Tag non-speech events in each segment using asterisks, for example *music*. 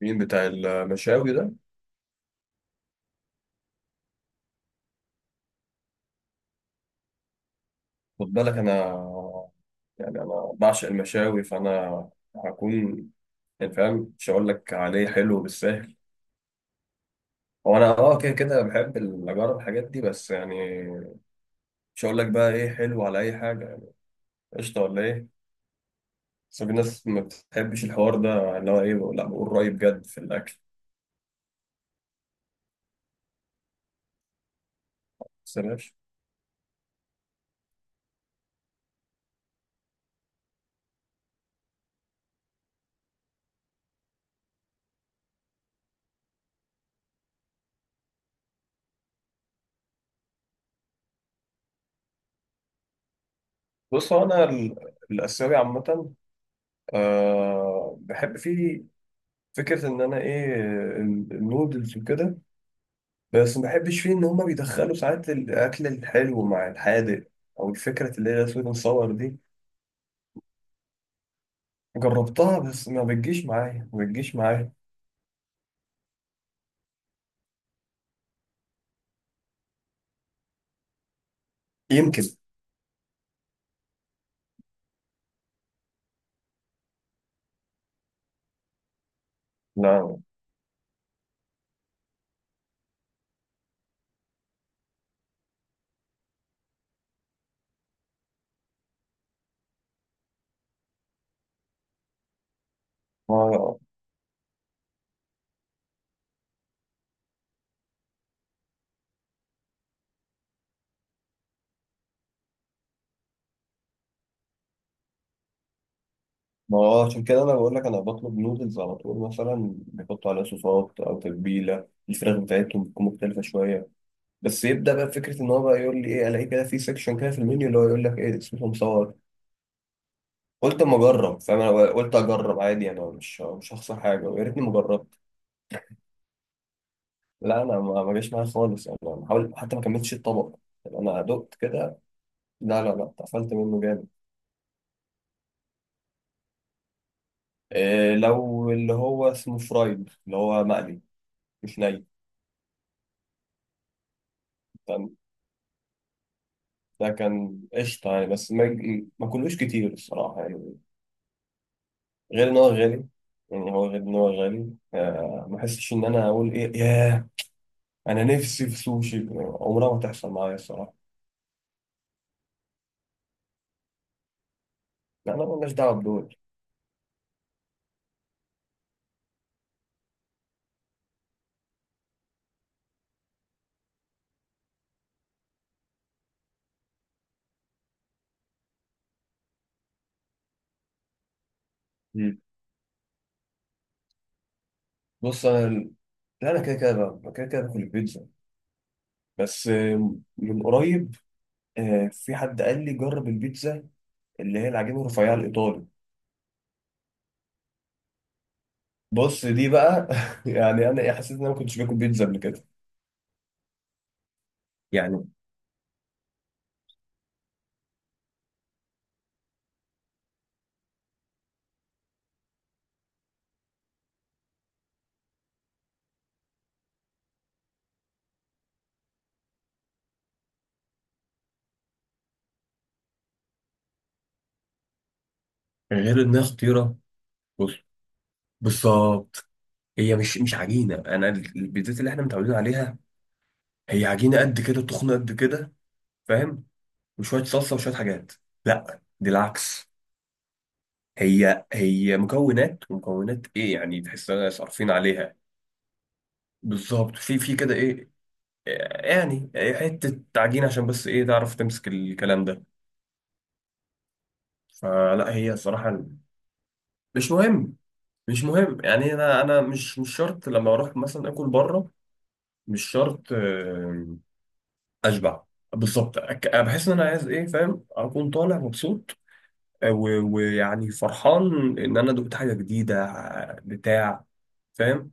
مين بتاع المشاوي ده؟ خد بالك، انا يعني انا بعشق المشاوي، فانا هكون يعني فاهم. مش هقول لك عليه حلو بالسهل. هو انا كده كده بحب اجرب الحاجات دي، بس يعني مش هقول لك بقى ايه حلو على اي حاجه، يعني قشطه ولا ايه؟ بس في ناس ما بتحبش الحوار ده، اللي هو ايه، لا بقول رايي بجد في الاكل. بس ماشي. بص، هو انا الاسيوي عامه، بحب فيه، فكره ان انا ايه، النودلز وكده. بس ما بحبش فيه إن هما بيدخلوا ساعات الأكل الحلو مع الحادق، أو الفكرة اللي هي سويت مصور دي. جربتها بس ما بتجيش معايا، ما بتجيش معايا. يمكن. لا، ما ما هو عشان كده أنا بقول لك أنا بطلب نودلز على طول، مثلا بيحطوا عليها صوصات أو تتبيلة الفراخ بتاعتهم بتكون مختلفة شوية. بس يبدأ بقى فكرة إن هو بقى يقول لي إيه، ألاقي كده في سيكشن كده في المنيو اللي هو يقول لك إيه اسمه مصور. قلت أما أجرب، فاهم، أنا قلت أجرب عادي، أنا مش هخسر حاجة، ويا ريتني مجرب. لا انا ما جاش معايا خالص، يعني انا حاول حتى ما كملتش الطبق. يعني انا دقت كده. لا، لا، لا، اتقفلت منه جامد. إيه، لو اللي هو اسمه فرايد، اللي هو مقلي، مش ني. فاهم؟ ده كان قشطه يعني، بس ما كلوش كتير الصراحه يعني. غير ان هو غالي. يعني هو غير ان هو غالي، ما احسش ان انا اقول ايه. ياه، انا نفسي في سوشي يعني عمرها ما تحصل معايا الصراحه. لا انا مالناش دعوه بدول. مم. بص انا، لا انا كده كده، كده كده باكل البيتزا. بس من قريب، في حد قال لي جرب البيتزا اللي هي العجينه الرفيعه الايطالي. بص دي بقى *laughs* يعني انا إيه، حسيت ان انا ما كنتش باكل بيتزا قبل كده. يعني غير انها خطيره. بص، بالظبط. هي مش عجينه، انا البيتزات اللي احنا متعودين عليها. هي عجينه قد كده، تخنه قد كده، فاهم، وشويه صلصه وشويه حاجات. لا، دي العكس. هي مكونات، ومكونات ايه يعني، تحس ان احنا صارفين عليها. بالظبط، في كده ايه يعني حتة تعجين عشان بس ايه تعرف تمسك الكلام ده. فلا هي الصراحة، مش مهم، مش مهم. يعني انا مش شرط لما اروح مثلا اكل بره. مش شرط اشبع. بالظبط. بحس ان انا عايز ايه، فاهم، اكون طالع مبسوط، ويعني فرحان ان انا دقت حاجة جديدة. بتاع، فاهم،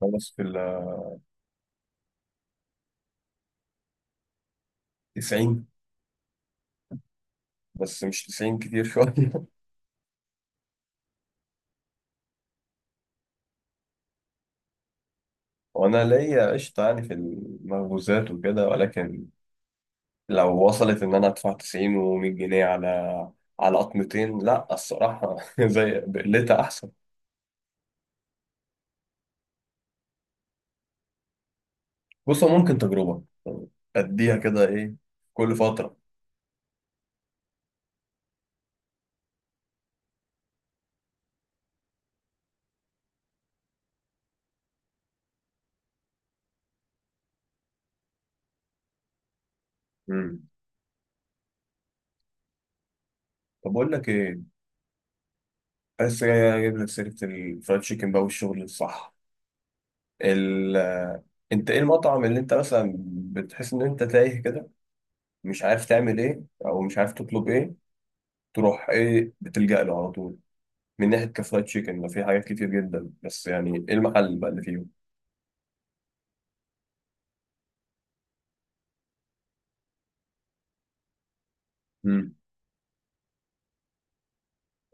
خلاص. في ال 90، بس مش 90 كتير شوية *laughs* وانا ليا قشطة يعني في المخبوزات وكده، ولكن لو وصلت ان انا ادفع 90 و100 جنيه على قطمتين، لا الصراحه *laughs* زي بقلتها احسن. بص، هو ممكن تجربه، اديها كده ايه كل فتره. امم طب اقول لك ايه، بس جاي اجيب لك سيره الفرايد تشيكن بقى والشغل الصح. ال انت ايه المطعم اللي انت مثلا بتحس ان انت تايه كده، مش عارف تعمل ايه او مش عارف تطلب ايه، تروح ايه بتلجأ له على طول، من ناحيه كفرايد تشيكن؟ ده في حاجات كتير جدا، بس يعني ايه المحل بقى اللي فيه؟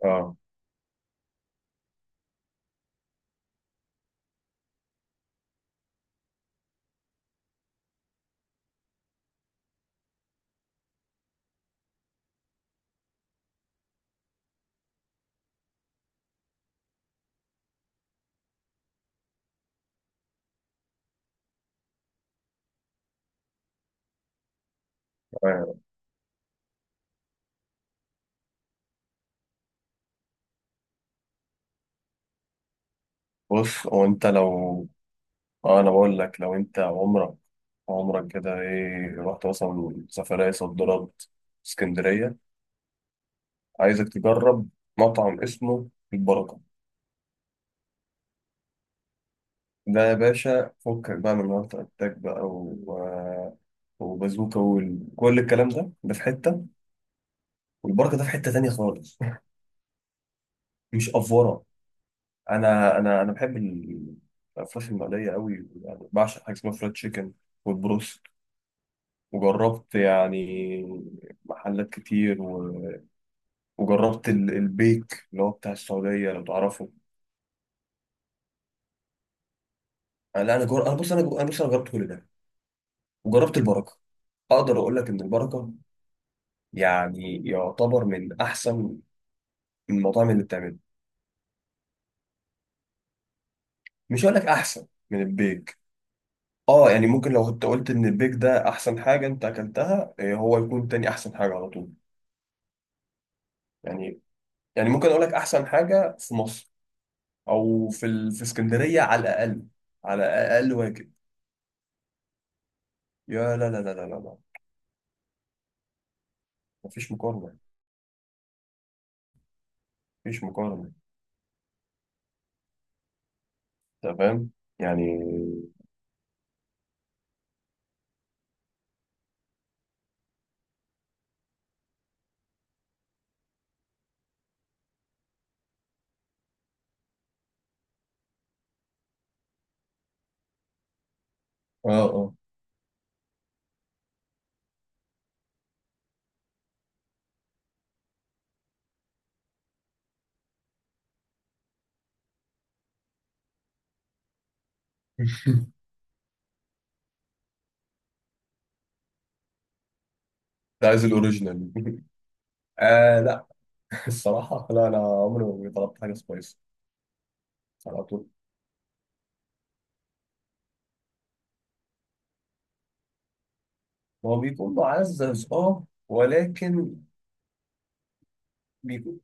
اه. آه. بص، هو انت لو انا بقول لك، لو انت عمرك كده ايه رحت مثلا سفرية صد رد اسكندرية، عايزك تجرب مطعم اسمه البركة. ده يا باشا فكك بقى من وقت اتاك بقى و... آه، وبازوكا وكل الكلام ده، ده في حتة، والبركة ده في حتة تانية خالص *laughs* مش أفورة. أنا بحب الفراخ المقلية أوي، يعني بعشق حاجة اسمها فريد تشيكن والبروست. وجربت يعني محلات كتير وجربت البيك اللي هو بتاع السعودية لو تعرفه. أنا لا، أنا أنا بص، أنا أنا بص، أنا جربت كل ده وجربت البركة. أقدر أقول لك إن البركة يعني يعتبر من أحسن المطاعم اللي بتعمله. مش هقول لك أحسن من البيك. يعني ممكن، لو كنت قلت إن البيك ده أحسن حاجة أنت أكلتها، إيه، هو يكون تاني أحسن حاجة على طول. يعني ممكن أقول لك أحسن حاجة في مصر، أو في اسكندرية على الأقل، على أقل واجب. يا، لا، لا، لا، لا، لا، لا، مفيش مقارنة. مفيش مقارنة. أنت فاهم يعني. اه، اه *laughs* ده عايز الاوريجينال *laughs* آه، لا *laughs* الصراحة لا، أنا عمري ما طلبت حاجة سبايسي على طول. هو بيكون معزز اه، ولكن بيكون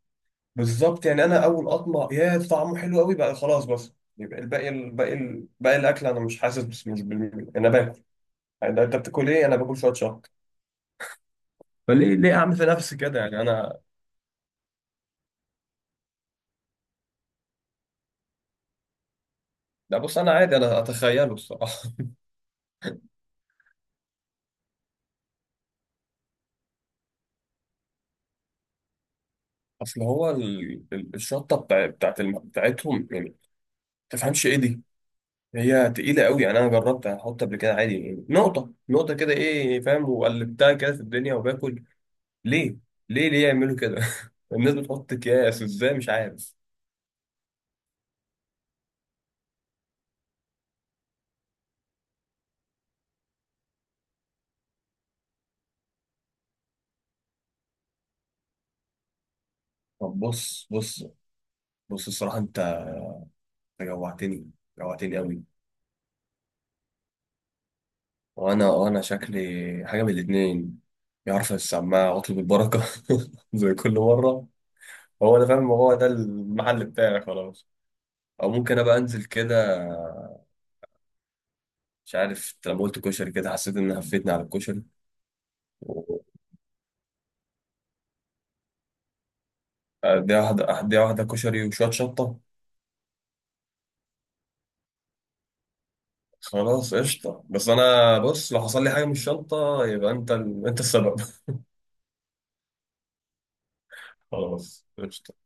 بالظبط. يعني أنا أول أطمع يا ده طعمه حلو قوي بقى خلاص، بس يبقى الباقي باقي الأكل أنا مش حاسس، بس مش بال... أنا باكل. يعني أنت بتاكل إيه؟ أنا باكل شوية شطة. فليه أعمل في نفسي كده يعني أنا؟ لا، بص أنا عادي أنا أتخيله الصراحة. اصل هو الشطه بتاعتهم يعني ما تفهمش ايه دي. هي تقيله قوي. يعني انا جربت احط قبل كده عادي يعني نقطه نقطه كده ايه، فاهم، وقلبتها كده في الدنيا وباكل. ليه، ليه، ليه يعملوا كده؟ *laughs* الناس بتحط اكياس ازاي مش عارف. طب، بص، بص، بص، الصراحه انت جوعتني، جوعتني قوي. وانا، شكلي حاجه من الاتنين، يا عارف السماعه واطلب البركه *laughs* زي كل مره. هو انا فاهم هو ده المحل بتاعي خلاص، او ممكن ابقى انزل كده. مش عارف. أنت لما قلت كشري كده حسيت ان هفتني على الكشري. اديها واحده، اديها واحده كشري وشويه شطه. خلاص قشطه. بس انا بص، لو حصل لي حاجه من الشنطه يبقى انت انت السبب. *laughs* خلاص قشطه.